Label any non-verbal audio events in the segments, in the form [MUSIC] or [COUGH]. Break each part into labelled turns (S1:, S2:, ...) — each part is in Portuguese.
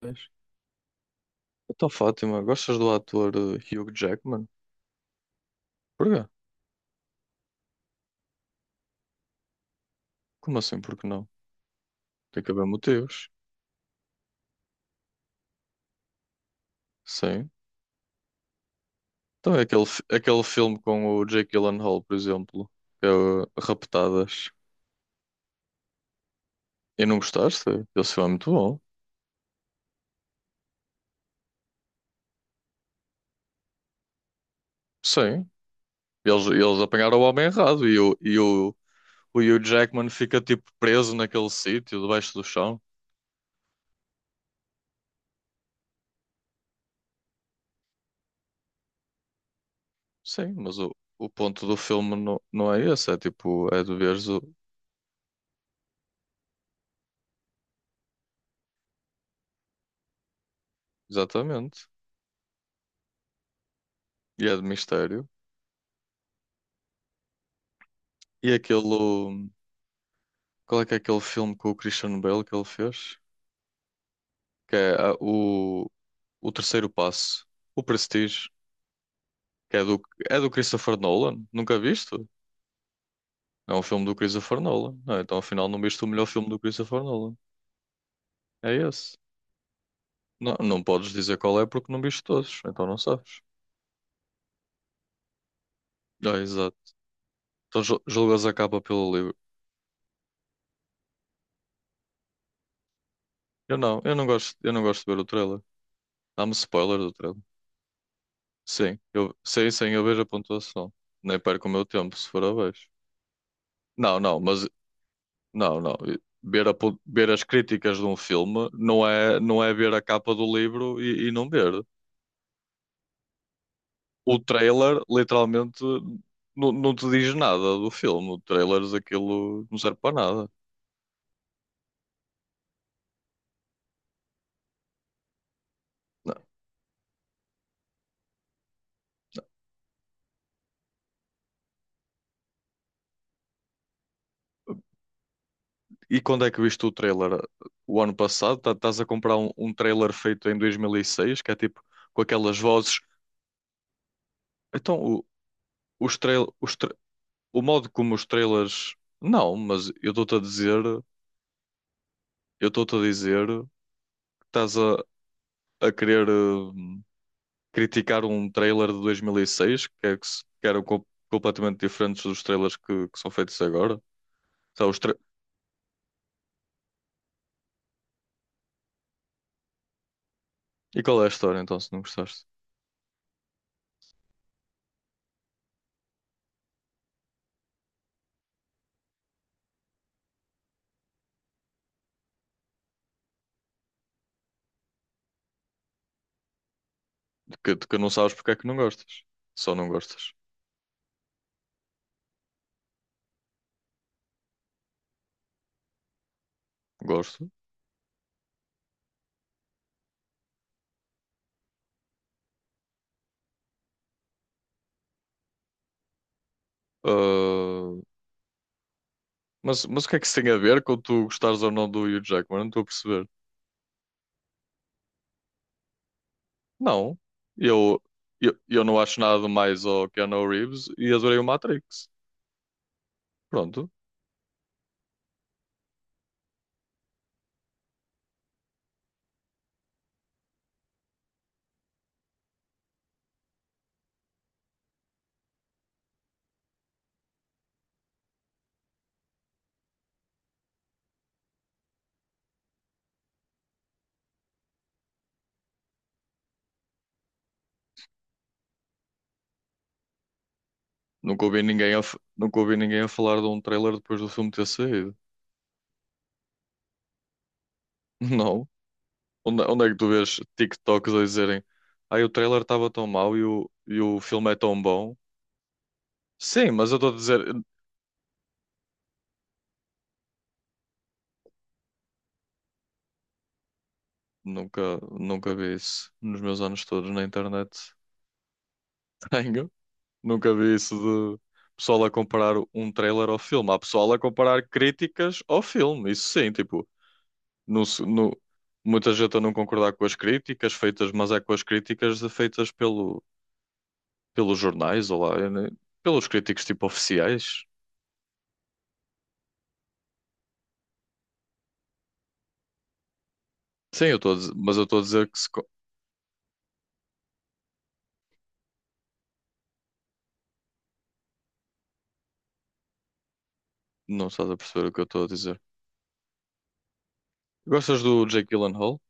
S1: Pois. Então, Fátima, gostas do ator Hugh Jackman? Porquê? Como assim, porque não? Tem que haver motivos. Sim. Então é aquele, aquele filme com o Jake Gyllenhaal, por exemplo, que é o Raptadas. E não gostaste? Esse filme é muito bom. Sim. Eles apanharam o homem errado e o Hugh Jackman fica tipo preso naquele sítio, debaixo do chão. Sim, mas o ponto do filme não é esse. É tipo, é de veres o... Exatamente. E é de mistério. E aquele. Qual é que é aquele filme com o Christian Bale que ele fez? Que é o Terceiro Passo, o Prestige, que é do Christopher Nolan. Nunca viste? É um filme do Christopher Nolan. Ah, então afinal não viste o melhor filme do Christopher Nolan. É esse. Não, não podes dizer qual é porque não viste todos, então não sabes. Ah, exato. Então julgas a capa pelo livro. Eu não gosto de ver o trailer. Dá-me spoiler do trailer. Sim, sei sim, eu vejo a pontuação. Nem perco o meu tempo se for abaixo. Não, não, mas... não, não. Ver as críticas de um filme não é ver a capa do livro e não ver. O trailer, literalmente, não te diz nada do filme. O trailer, aquilo não serve para nada. Não. E quando é que viste o trailer? O ano passado? Estás a comprar um trailer feito em 2006, que é tipo com aquelas vozes. Então, os trail, os tra- o modo como os trailers. Não, mas eu estou-te a dizer que estás a querer, criticar um trailer de 2006 que, é que, se- que eram completamente diferentes dos trailers que são feitos agora. Sabe, os tra- E qual é a história então, se não gostaste? De que não sabes porque é que não gostas. Só não gostas. Gosto. Ah, mas o que é que isso tem a ver com tu gostares ou não do Hugh Jackman? Não estou a perceber. Não. Eu, eu não acho nada mais ao Keanu Reeves e adorei o Matrix. Pronto. Nunca ouvi ninguém a falar de um trailer depois do filme ter saído. [LAUGHS] Não. Onde é que tu vês TikToks a dizerem ai o trailer estava tão mau e o filme é tão bom? Sim, mas eu estou a dizer, eu nunca vi isso nos meus anos todos na internet. [LAUGHS] Tenho, nunca vi isso de pessoal a comparar um trailer ao filme. Há pessoal a comparar críticas ao filme, isso sim, tipo, no, se- no- muita gente a não concordar com as críticas feitas, mas é com as críticas feitas pelos jornais ou lá, eu nem- pelos críticos tipo oficiais. Sim, eu estou a dizer, mas eu estou a dizer que se... Não estás a perceber o que eu estou a dizer. Gostas do Jake Gyllenhaal?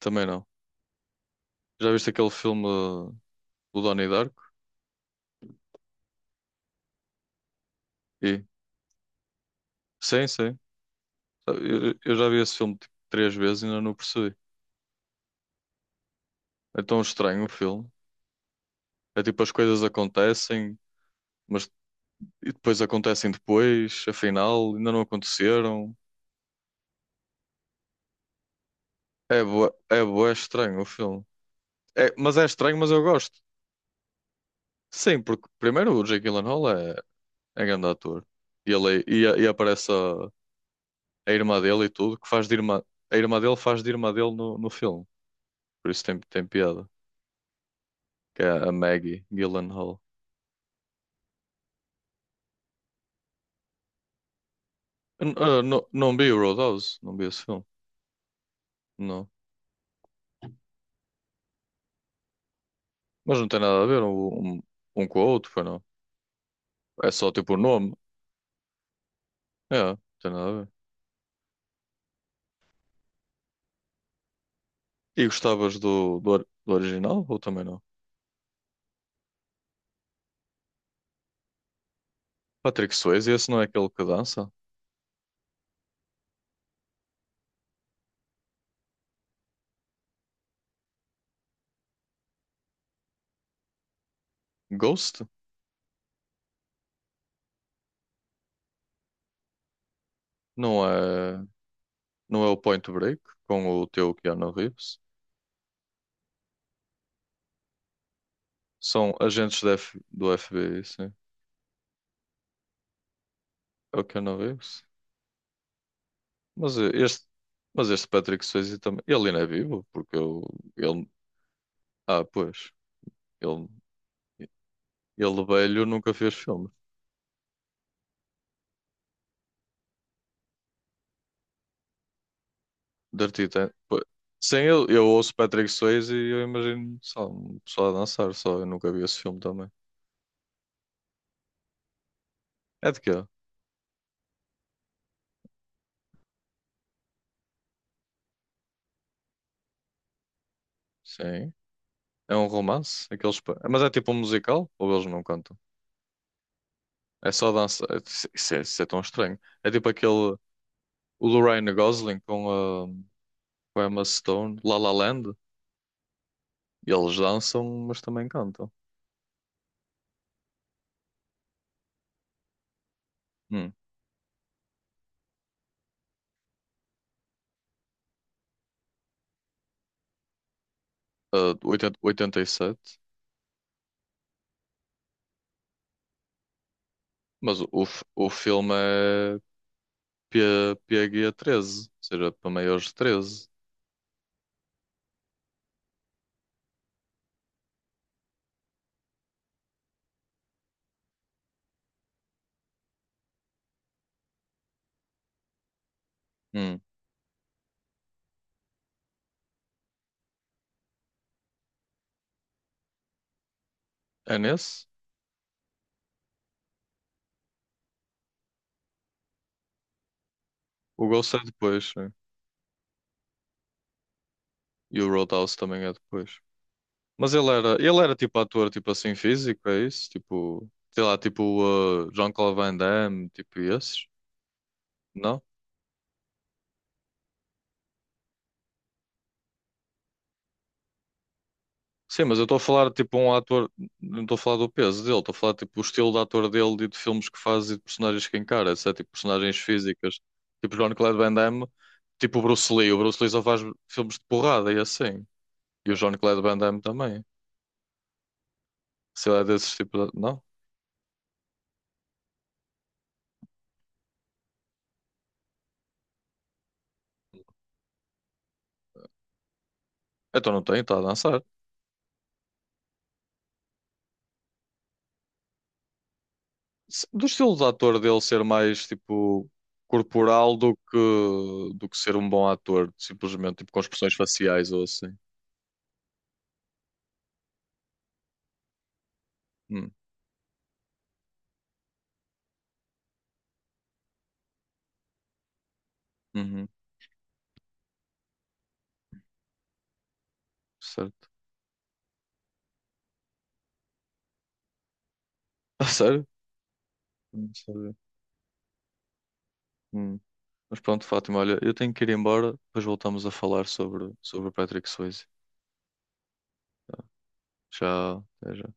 S1: Também não. Já viste aquele filme do Donnie Darko? E? Sim, sim. Eu já vi esse filme tipo, três vezes e ainda não percebi. É tão estranho o filme. É tipo as coisas acontecem, mas e depois acontecem depois, afinal, ainda não aconteceram. É bué estranho o filme. É, mas é estranho, mas eu gosto. Sim, porque primeiro o Jake Gyllenhaal é grande ator. E ele, e aparece a irmã dele e tudo, que faz de irmã, a irmã dele faz de irmã dele no filme. Por isso tem piada. Que é a Maggie Gyllenhaal. Eu não vi o Roadhouse, não vi esse filme. Não. Mas não tem nada a ver um com o outro, foi não. É só tipo o nome. É, não tem nada a ver. E gostavas do original ou também não? Patrick Swayze, esse não é aquele que dança? Ghost? Não é, não é o Point Break com o teu Keanu Reeves? São agentes da do FBI, sim. É o Keanu Reeves? Mas este Patrick Swayze também. Ele ainda é vivo, porque eu, ele. Ah, pois. Ele, ele velho nunca fez filme. Dirty Tan- po- Sem ele, eu ouço Patrick Swayze e eu imagino só um pessoal a dançar, só. Eu nunca vi esse filme também. É de quê? Sim. É um romance? Aqueles... Mas é tipo um musical? Ou eles não cantam? É só dança. É- Isso é tão estranho. É tipo aquele. O do Ryan Gosling com a Emma Stone, La La Land. E eles dançam, mas também cantam. Hum. Ah, de 80, 87, mas o filme é P, P PG-13, ou seja, para maiores de 13. Hum. É nesse? O Ghost é depois, sim. E o Roadhouse também é depois. Mas ele era tipo ator, tipo assim, físico, é isso? Tipo, sei lá, tipo Jean-Claude Van Damme, tipo esses? Não? Sim, mas eu estou a falar tipo um ator, não estou a falar do peso dele, estou a falar tipo o estilo de ator dele e de filmes que faz e de personagens que encara, etc. Tipo personagens físicas, tipo Jean-Claude Van Damme, tipo o Bruce Lee. O Bruce Lee só faz filmes de porrada e assim. E o Jean-Claude Van Damme também. Se ele é desses tipo, de... não? Então não tem, está a dançar. Do estilo de ator dele ser mais tipo corporal do que ser um bom ator, simplesmente tipo com expressões faciais ou assim. Hum, uhum, certo. [LAUGHS] Ah, sério? Não sabia. Hum. Mas pronto, Fátima, olha, eu tenho que ir embora, depois voltamos a falar sobre o Patrick Swayze. Já, já.